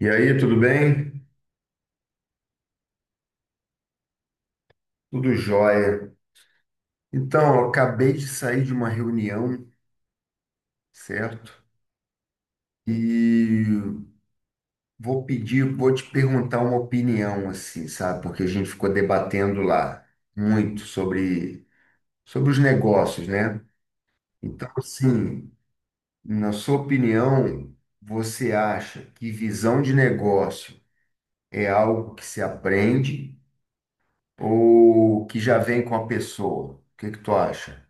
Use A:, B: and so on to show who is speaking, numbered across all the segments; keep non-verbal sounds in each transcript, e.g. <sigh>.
A: E aí, tudo bem? Tudo jóia. Então, eu acabei de sair de uma reunião, certo? E vou pedir, vou te perguntar uma opinião, assim, sabe? Porque a gente ficou debatendo lá muito sobre os negócios, né? Então, assim, na sua opinião, você acha que visão de negócio é algo que se aprende ou que já vem com a pessoa? O que que tu acha?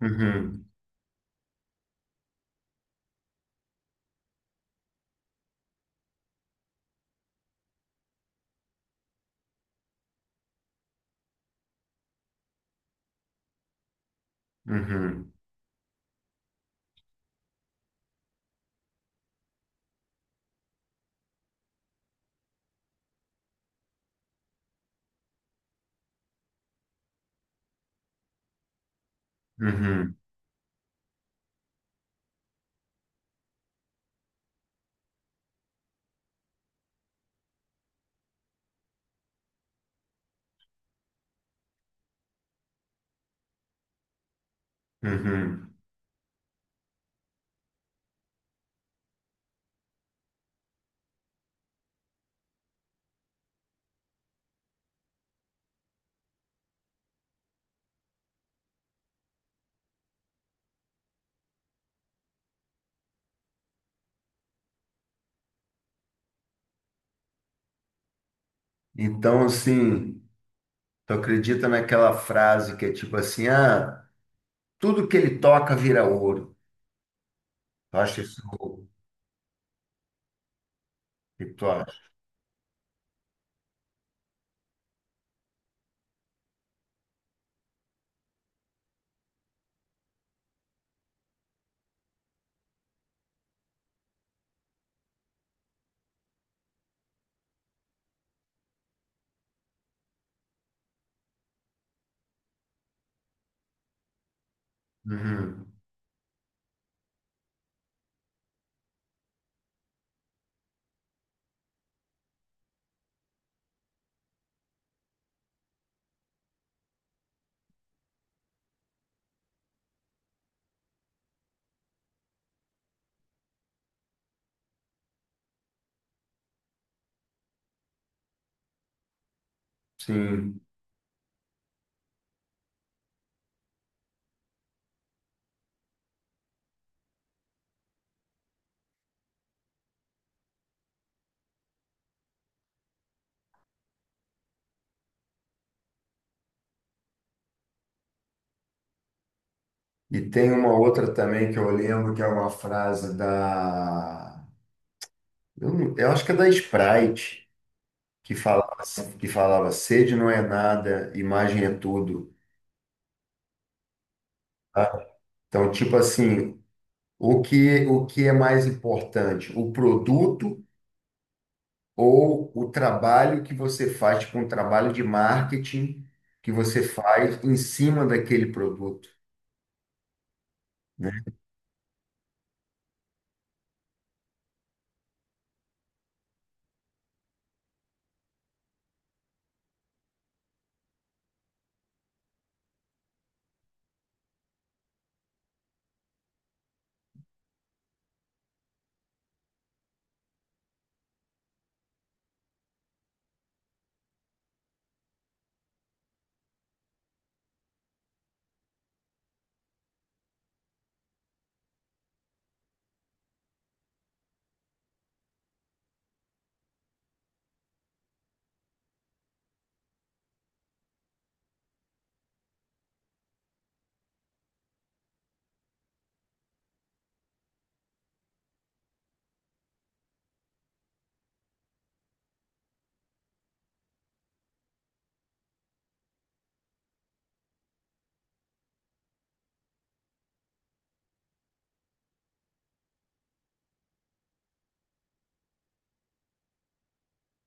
A: Uhum, uhum. Uhum, uhum. Então, assim, tu acredita naquela frase que é tipo assim, ah, tudo que ele toca vira ouro. Tu acha isso? O que tu acha? Uhum, sim. E tem uma outra também que eu lembro que é uma frase da. Eu, eu acho que é da Sprite, que falava, que falava: sede não é nada, imagem é tudo. Tá? Então, tipo assim, o que é mais importante? O produto ou o trabalho que você faz, tipo um trabalho de marketing que você faz em cima daquele produto.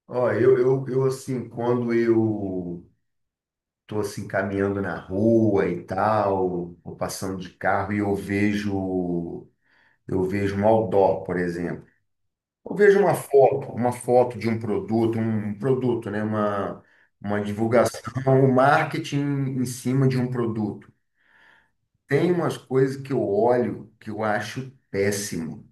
A: Ó, eu assim, quando eu tô assim caminhando na rua e tal, ou passando de carro e eu vejo um outdoor, por exemplo. Eu vejo uma foto, de um produto, né, uma divulgação, um marketing em cima de um produto. Tem umas coisas que eu olho que eu acho péssimo.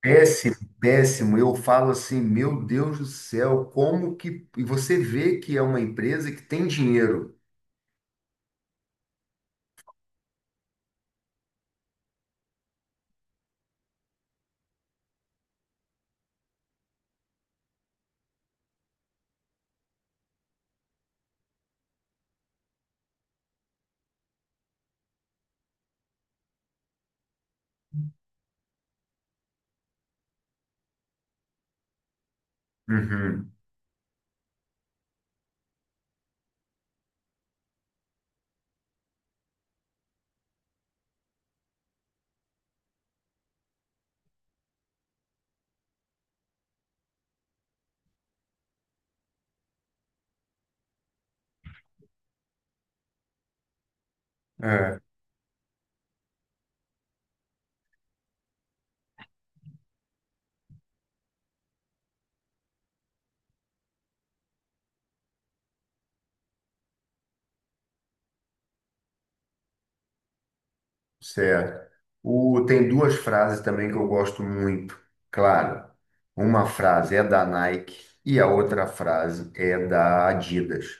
A: Péssimo, péssimo. Eu falo assim, meu Deus do céu, como que. E você vê que é uma empresa que tem dinheiro. Uhum. É, certo. O, tem duas frases também que eu gosto muito. Claro, uma frase é da Nike e a outra frase é da Adidas.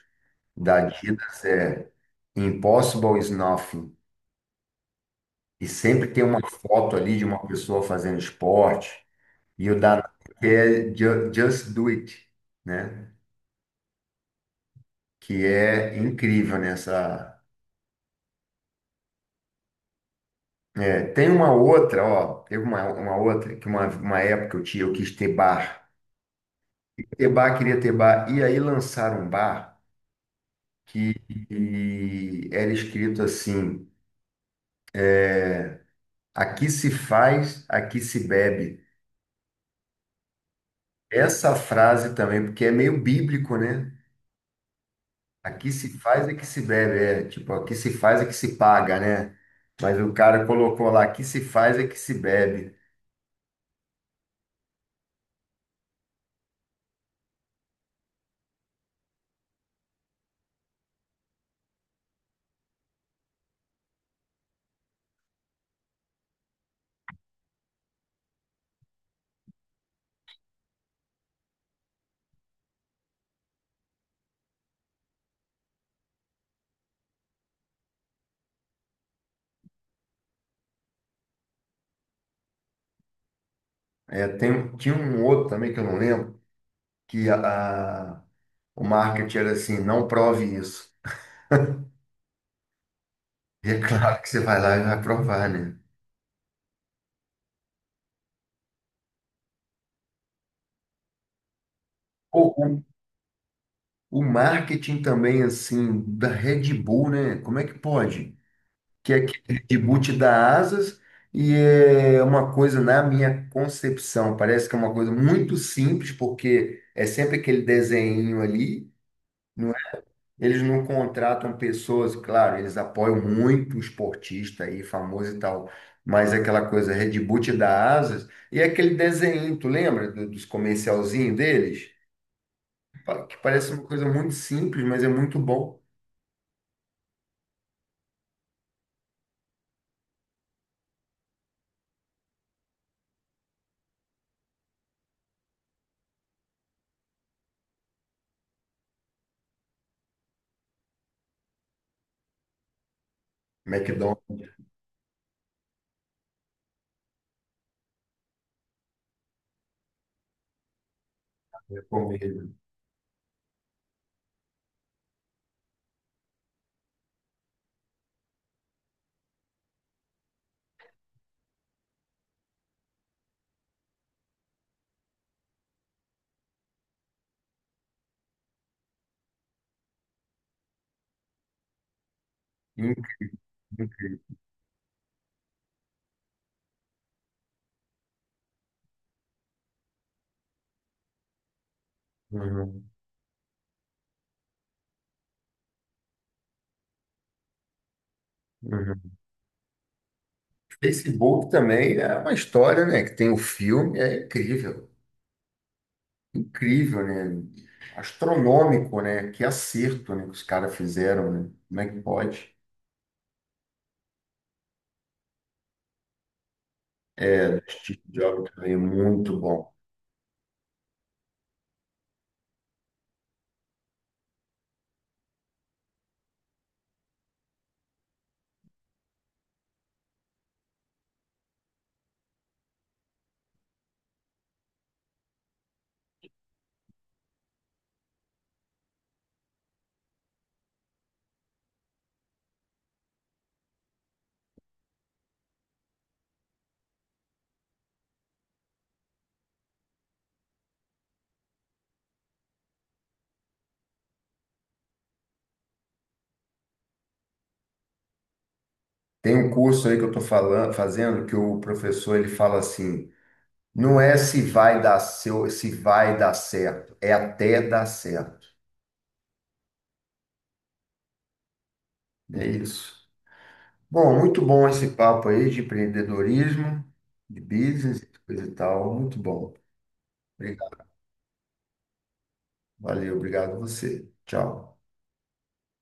A: Da Adidas é Impossible is nothing. E sempre tem uma foto ali de uma pessoa fazendo esporte. E o da que é Just Do It, né? Que é incrível nessa. É, tem uma outra, ó, teve uma outra que uma época eu tinha, eu quis ter bar. Ter bar, queria ter bar. E aí lançaram um bar que, que era escrito assim: aqui se faz, aqui se bebe. Essa frase também, porque é meio bíblico, né? Aqui se faz é que se bebe, é. Tipo, aqui se faz é que se paga, né? Mas o cara colocou lá, aqui se faz é que se bebe. É, tem, tinha um outro também que eu não lembro, que a, a- o marketing era assim, não prove isso. E é <laughs> claro que você vai lá e vai provar, né? Ou o marketing também, assim, da Red Bull, né? Como é que pode? Que é aquele reboot da Asas, e é uma coisa, na minha concepção, parece que é uma coisa muito simples, porque é sempre aquele desenho ali, não é? Eles não contratam pessoas, claro, eles apoiam muito o esportista aí, famoso e tal, mas é aquela coisa, reboot da Asas, e é aquele desenho, tu lembra dos comercialzinhos deles? Que parece uma coisa muito simples, mas é muito bom. McDonald's, é comida. Hum, hum, hum. Facebook também é uma história, né? Que tem o filme, é incrível. Incrível, né? Astronômico, né? Que acerto, né? Que os caras fizeram, né? Como é que pode? Steve Jobs também é muito bom. Tem um curso aí que eu estou falando, fazendo que o professor ele fala assim, não é se vai dar seu, se vai dar certo, é até dar certo. É isso. Bom, muito bom esse papo aí de empreendedorismo, de business, coisa e tal, muito bom. Obrigado. Valeu, obrigado a você. Tchau.